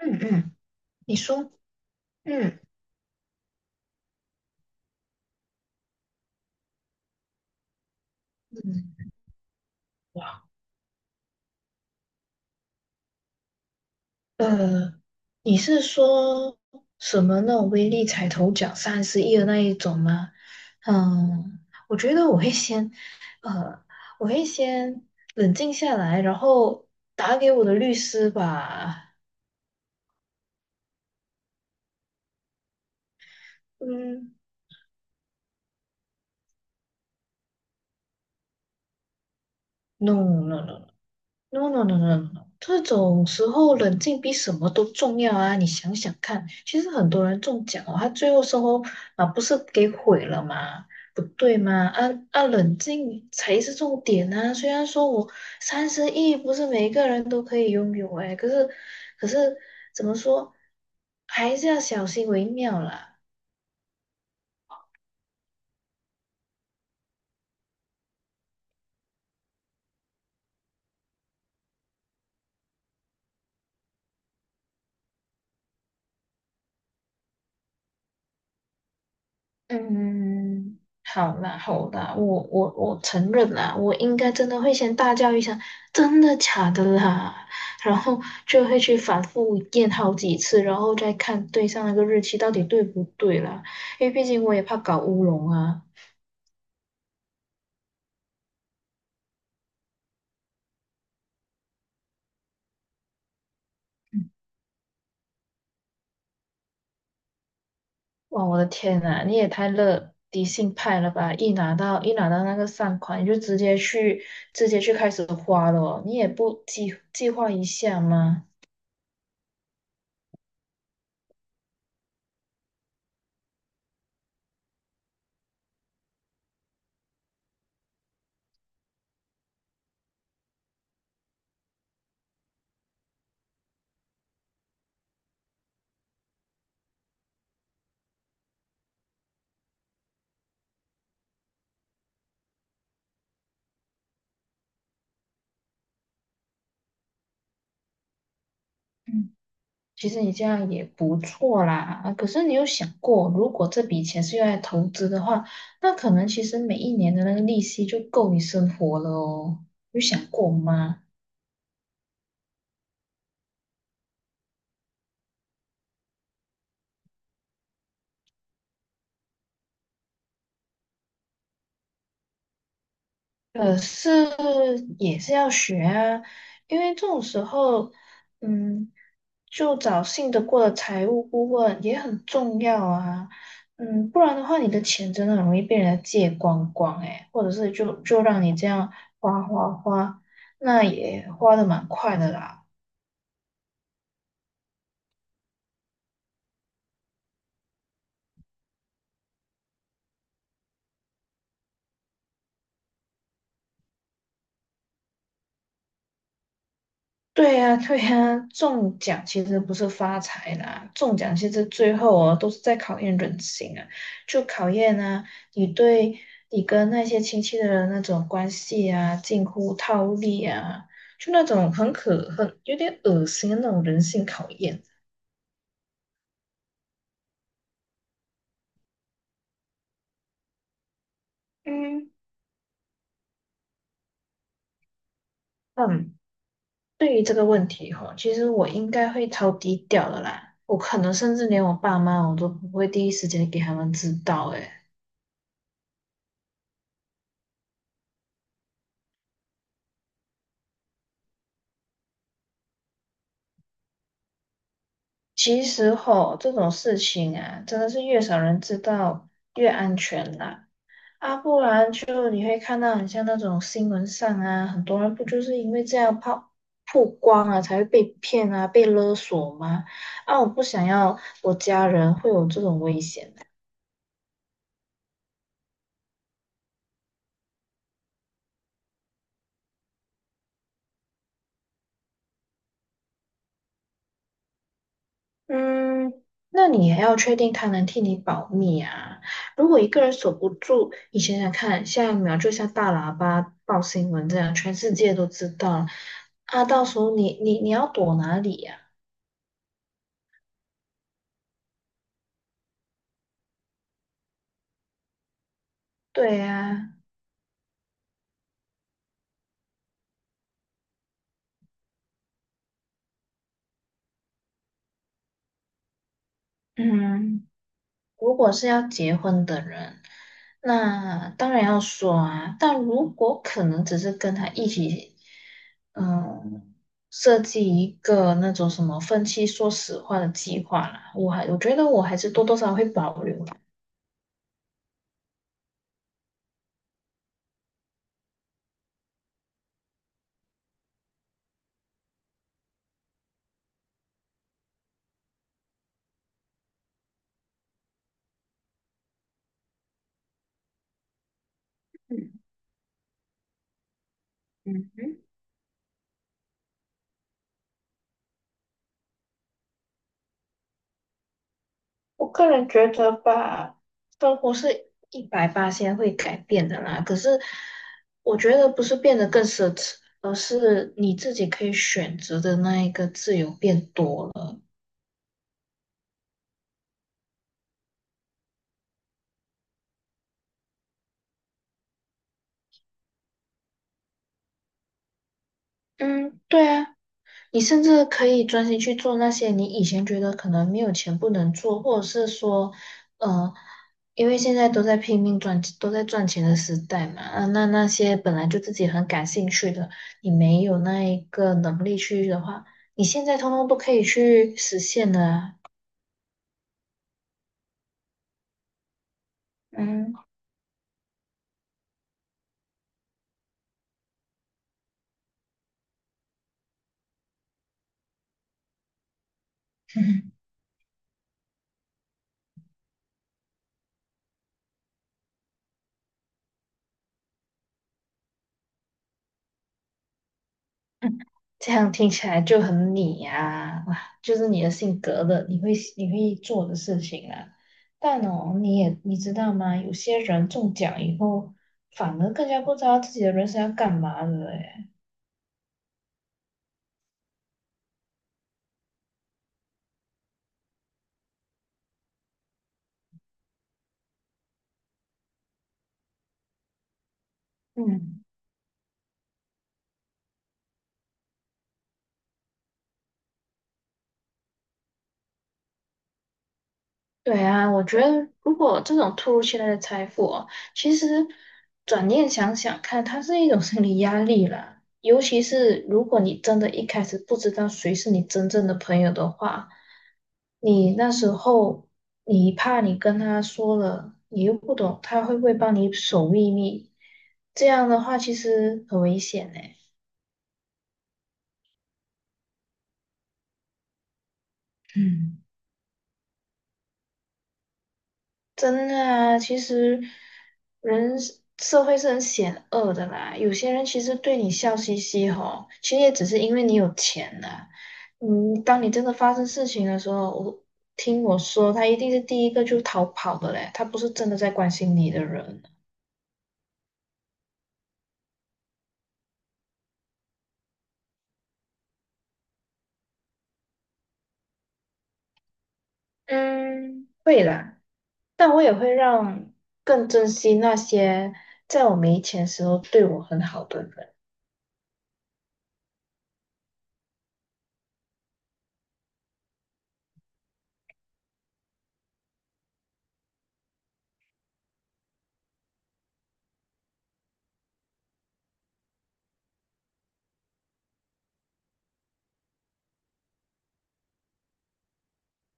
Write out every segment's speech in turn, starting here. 嗯嗯，你说，嗯嗯，呃，你是说什么那种威力彩头奖三十亿的那一种吗？嗯，我觉得呃，我会先冷静下来，然后打给我的律师吧。嗯，no no no No no no no no，no. 这种时候冷静比什么都重要啊！你想想看，其实很多人中奖哦，他最后收候啊，不是给毁了吗？不对吗？啊啊，冷静才是重点啊！虽然说我三十亿不是每个人都可以拥有哎，可是怎么说，还是要小心为妙啦。嗯，好啦好啦，我承认啦，我应该真的会先大叫一声"真的假的啦"，然后就会去反复验好几次，然后再看对上那个日期到底对不对啦，因为毕竟我也怕搞乌龙啊。嗯哇，我的天呐，你也太乐迪信派了吧！一拿到那个善款，你就直接去开始花了哦，你也不计划一下吗？其实你这样也不错啦，啊可是你有想过，如果这笔钱是用来投资的话，那可能其实每一年的那个利息就够你生活了哦，有想过吗？可是也是要学啊，因为这种时候，嗯，就找信得过的财务顾问也很重要啊，嗯，不然的话，你的钱真的很容易被人家借光光诶，或者是就让你这样花花花，那也花的蛮快的啦。对呀，对呀，中奖其实不是发财啦，中奖其实最后哦都是在考验人性啊，就考验啊你对你跟那些亲戚的人那种关系啊，近乎套利啊，就那种很可恨、有点恶心的那种人性考验。嗯，嗯，对于这个问题哈，其实我应该会超低调的啦，我可能甚至连我爸妈我都不会第一时间给他们知道诶。其实吼，这种事情啊，真的是越少人知道越安全啦。啊，不然就你会看到很像那种新闻上啊，很多人不就是因为这样曝光啊，才会被骗啊，被勒索吗？啊，我不想要我家人会有这种危险。嗯，那你也要确定他能替你保密啊。如果一个人守不住，你想想看，下一秒就像大喇叭报新闻这样，全世界都知道了啊。到时候你要躲哪里呀、对呀、嗯。如果是要结婚的人，那当然要说啊。但如果可能只是跟他一起，嗯，设计一个那种什么分期说实话的计划啦，我觉得我还是多多少少会保留啦。嗯嗯哼，我个人觉得吧，生活是一百八先会改变的啦。可是我觉得不是变得更奢侈，而是你自己可以选择的那一个自由变多了。嗯，对啊，你甚至可以专心去做那些你以前觉得可能没有钱不能做，或者是说，呃，因为现在都在拼命赚，都在赚钱的时代嘛，啊那些本来就自己很感兴趣的，你没有那一个能力去的话，你现在通通都可以去实现的啊。嗯，这样听起来就很你呀、哇，就是你的性格的，你会做的事情啊。但哦，你知道吗？有些人中奖以后，反而更加不知道自己的人生要干嘛了诶。嗯。对啊，我觉得如果这种突如其来的财富哦，其实转念想想看，它是一种心理压力啦。尤其是如果你真的一开始不知道谁是你真正的朋友的话，你那时候你怕你跟他说了，你又不懂他会不会帮你守秘密，这样的话其实很危险呢。嗯。真的啊，其实社会是很险恶的啦。有些人其实对你笑嘻嘻吼，其实也只是因为你有钱啦。嗯，当你真的发生事情的时候，听我说，他一定是第一个就逃跑的嘞，他不是真的在关心你的人。嗯，会啦，但我也会让更珍惜那些在我没钱时候对我很好的人。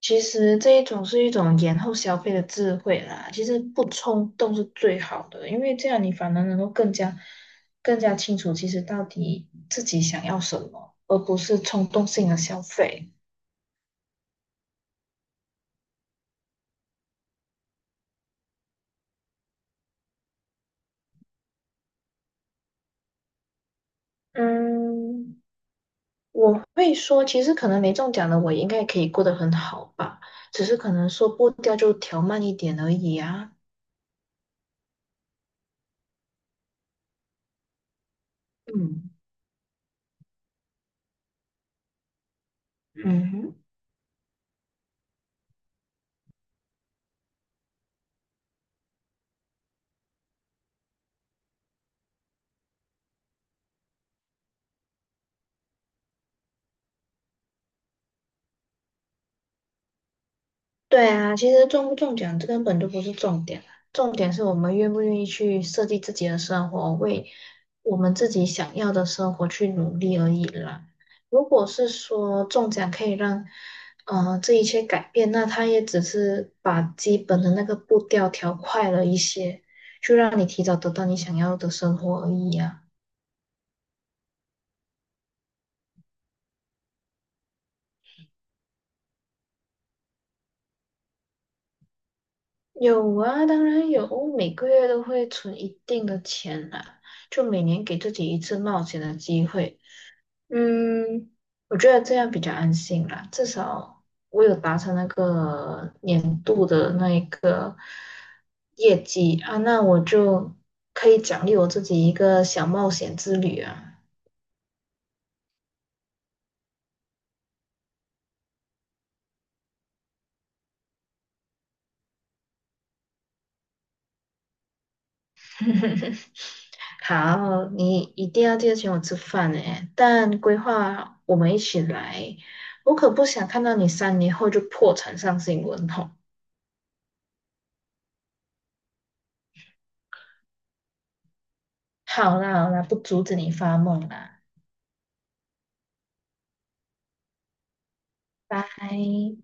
其实这一种是一种延后消费的智慧啦。其实不冲动是最好的，因为这样你反而能够更加清楚，其实到底自己想要什么，而不是冲动性的消费。嗯，我会说，其实可能没中奖的我应该也可以过得很好吧，只是可能说步调就调慢一点而已啊。嗯嗯哼。对啊，其实中不中奖这根本就不是重点啊，重点是我们愿不愿意去设计自己的生活，为我们自己想要的生活去努力而已啦。如果是说中奖可以让这一切改变，那他也只是把基本的那个步调调快了一些，就让你提早得到你想要的生活而已啊。有啊，当然有，每个月都会存一定的钱啦，就每年给自己一次冒险的机会。嗯，我觉得这样比较安心啦，至少我有达成那个年度的那一个业绩啊，那我就可以奖励我自己一个小冒险之旅啊。好，你一定要记得请我吃饭诶，但规划我们一起来，我可不想看到你3年后就破产上新闻哦。好啦好啦，不阻止你发梦啦，拜。